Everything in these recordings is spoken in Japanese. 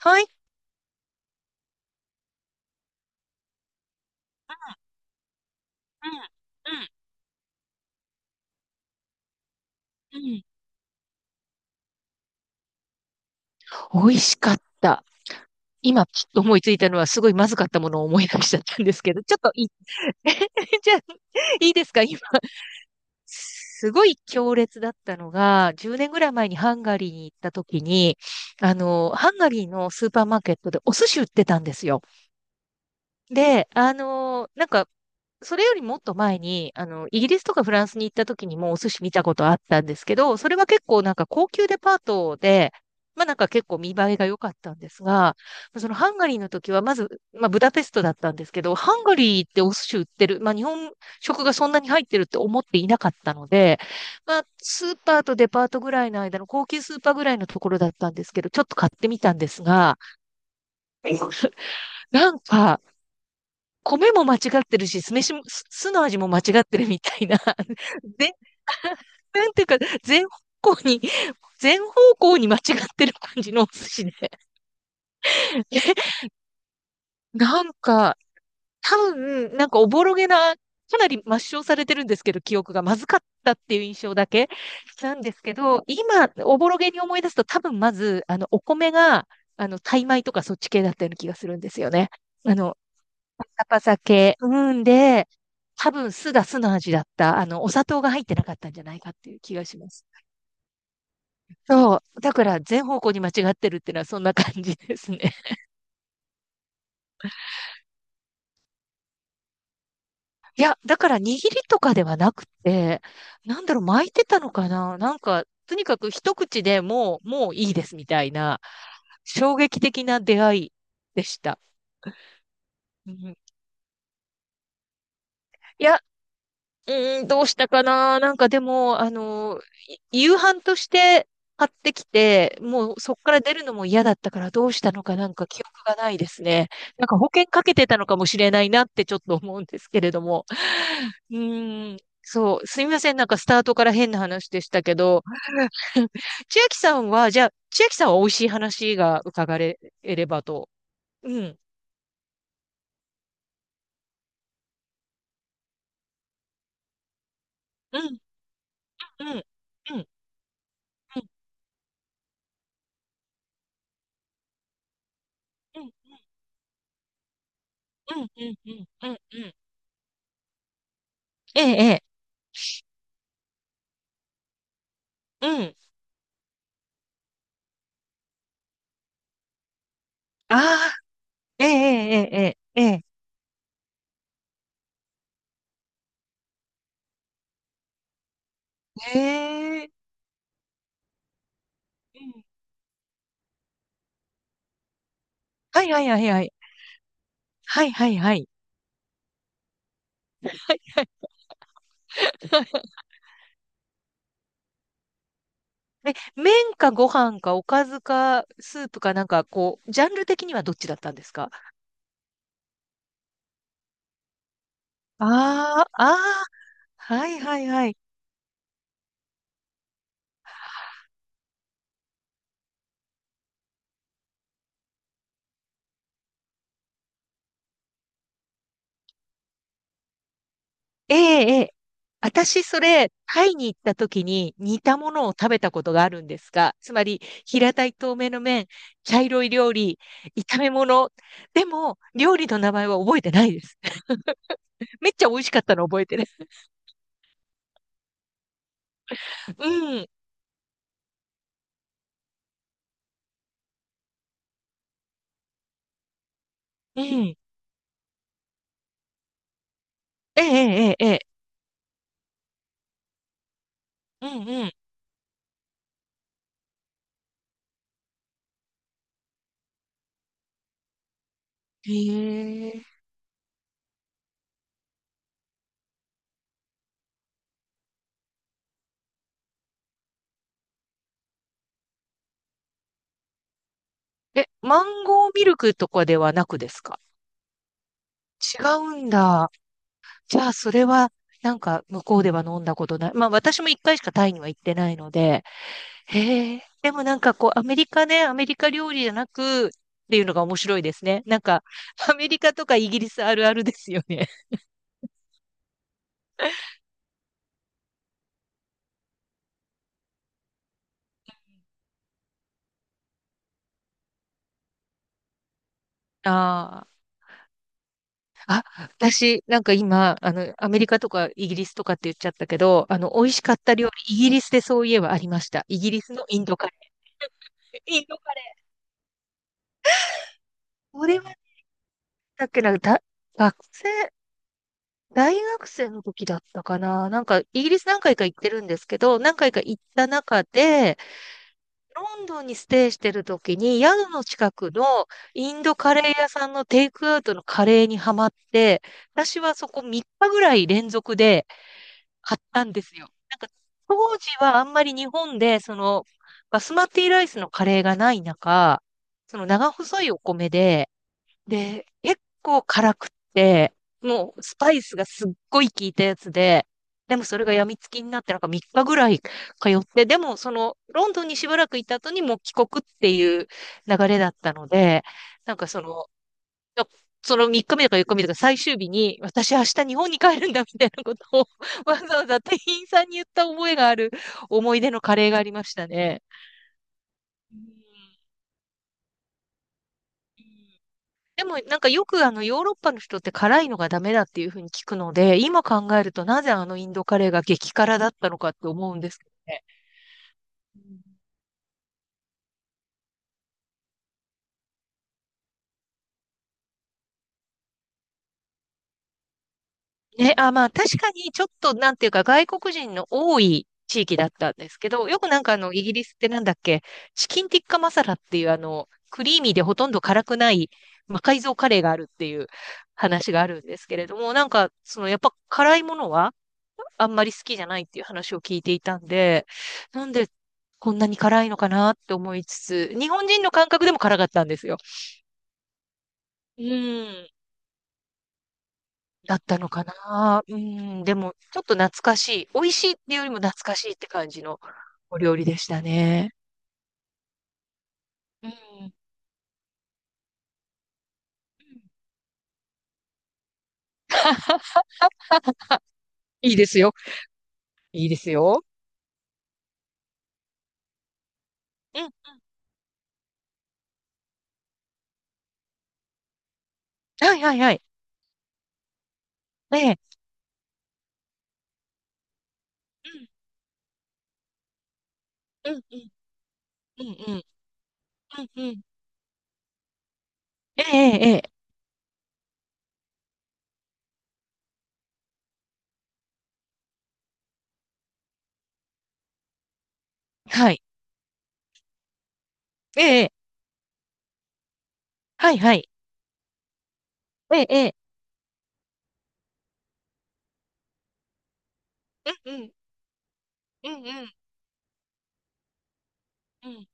はい。うん、うん、うん。美味しかった。今、ちょっと思いついたのは、すごいまずかったものを思い出しちゃったんですけど、ちょっといい、じゃあ、いいですか今？すごい強烈だったのが、10年ぐらい前にハンガリーに行った時に、ハンガリーのスーパーマーケットでお寿司売ってたんですよ。で、なんか、それよりもっと前に、イギリスとかフランスに行った時にもお寿司見たことあったんですけど、それは結構なんか高級デパートで、まあなんか結構見栄えが良かったんですが、そのハンガリーの時はまず、まあブダペストだったんですけど、ハンガリーってお寿司売ってる、まあ日本食がそんなに入ってるって思っていなかったので、まあスーパーとデパートぐらいの間の高級スーパーぐらいのところだったんですけど、ちょっと買ってみたんですが、なんか、米も間違ってるし、酢飯も、酢の味も間違ってるみたいな、全、なんていうか、全方向に、全方向に間違ってる感じのお寿司で。なんか、多分、なんかおぼろげな、かなり抹消されてるんですけど、記憶がまずかったっていう印象だけなんですけど、今、おぼろげに思い出すと、多分まず、お米が、タイ米とかそっち系だったような気がするんですよね。あの、パサパサ系。うん、で、多分酢が酢の味だった。お砂糖が入ってなかったんじゃないかっていう気がします。そう。だから、全方向に間違ってるっていうのはそんな感じですね。いや、だから、握りとかではなくて、なんだろう、巻いてたのかななんか、とにかく一口でもう、もういいですみたいな、衝撃的な出会いでした。うん、いや、うーん、どうしたかななんかでも、夕飯として買ってきて、もうそこから出るのも嫌だったからどうしたのかなんか記憶がないですね。なんか保険かけてたのかもしれないなってちょっと思うんですけれども。うーん、そう、すみません。なんかスタートから変な話でしたけど。千秋さんは美味しい話が伺えればと。うん、うん、うん、うん、うん、うん、うん、うん、うん、うん、うん。ええ、ええうん。あええ、ええ、ええ、ええ、ええ、うんはいはいはいはい。はいはいはい。え、麺かご飯かおかずかスープかなんかこう、ジャンル的にはどっちだったんですか？ああ、ああ、はいはいはい。ええ、ええ。私、それ、タイに行った時に似たものを食べたことがあるんですが、つまり、平たい透明の麺、茶色い料理、炒め物。でも、料理の名前は覚えてないです。めっちゃ美味しかったの覚えてる。うん、うん。ええ、ええ、ええ。うんうん。へえ。え、マンゴーミルクとかではなくですか？違うんだ。じゃあ、それは、なんか、向こうでは飲んだことない。まあ、私も一回しかタイには行ってないので。へえ。でもなんかこう、アメリカ料理じゃなく、っていうのが面白いですね。なんか、アメリカとかイギリスあるあるですよね。ああ。あ、私、なんか今、アメリカとかイギリスとかって言っちゃったけど、美味しかった料理、イギリスでそういえばありました。イギリスのインドカレー。インドカレー。これは、だっけな、だ、学生、大学生の時だったかな。なんか、イギリス何回か行ってるんですけど、何回か行った中で、ロンドンにステイしてる時に、宿の近くのインドカレー屋さんのテイクアウトのカレーにハマって、私はそこ3日ぐらい連続で、買ったんですよ。なんか、当時はあんまり日本で、その、バスマティライスのカレーがない中、その長細いお米で、結構辛くって、もうスパイスがすっごい効いたやつで、でもそれが病みつきになって、なんか3日ぐらい通って、でもその、ロンドンにしばらくいた後にもう帰国っていう流れだったので、なんかその、のその3日目とか4日目とか最終日に、私明日日本に帰るんだみたいなことを わざわざ店員さんに言った覚えがある思い出のカレーがありましたね。うんうん、でもなんかよくあのヨーロッパの人って辛いのがダメだっていうふうに聞くので、今考えるとなぜあのインドカレーが激辛だったのかって思うんですけどね。ね、あ、まあ確かにちょっとなんていうか外国人の多い地域だったんですけど、よくなんかあのイギリスってなんだっけ、チキンティッカマサラっていうあのクリーミーでほとんど辛くない魔改造カレーがあるっていう話があるんですけれども、なんかそのやっぱ辛いものはあんまり好きじゃないっていう話を聞いていたんで、なんでこんなに辛いのかなって思いつつ、日本人の感覚でも辛かったんですよ。うん。だったのかな。うん、でも、ちょっと懐かしい。美味しいっていうよりも懐かしいって感じのお料理でしたね。うん。うん。いいですよ。いいですよ。うん。はいはいはい。ええ。うん。うんうん。うんうん。うんうん。ええええええ。はい。ええええ。はいはい。ええええ。うんうん。うんうん。うん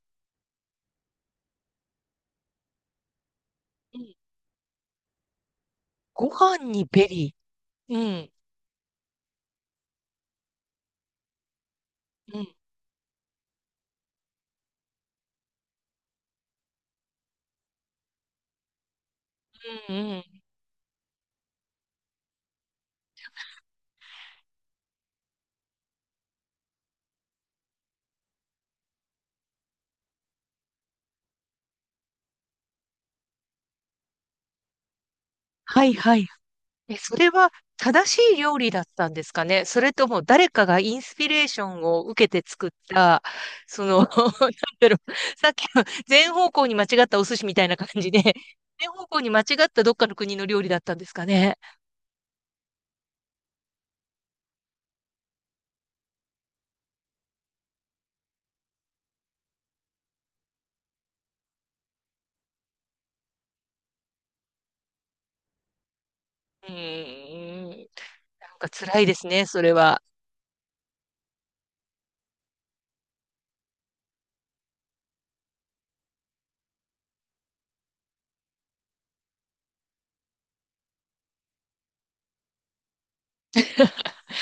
うん。ご飯にベリー。うん。うんうんうん。はいはい。え、それは正しい料理だったんですかね？それとも誰かがインスピレーションを受けて作った、その、なんだろう、さっきの全方向に間違ったお寿司みたいな感じで、全方向に間違ったどっかの国の料理だったんですかね？うーん、なんか辛いですね、それは。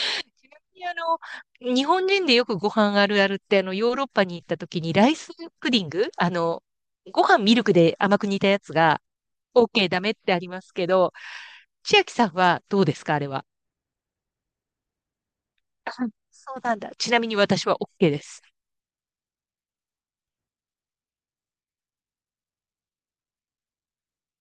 ちなみに日本人でよくご飯あるあるって、ヨーロッパに行った時にライスプディングご飯ミルクで甘く煮たやつが、OK ダメってありますけど、千秋さんはどうですか、あれは？あ、そうなんだ。ちなみに私は OK です。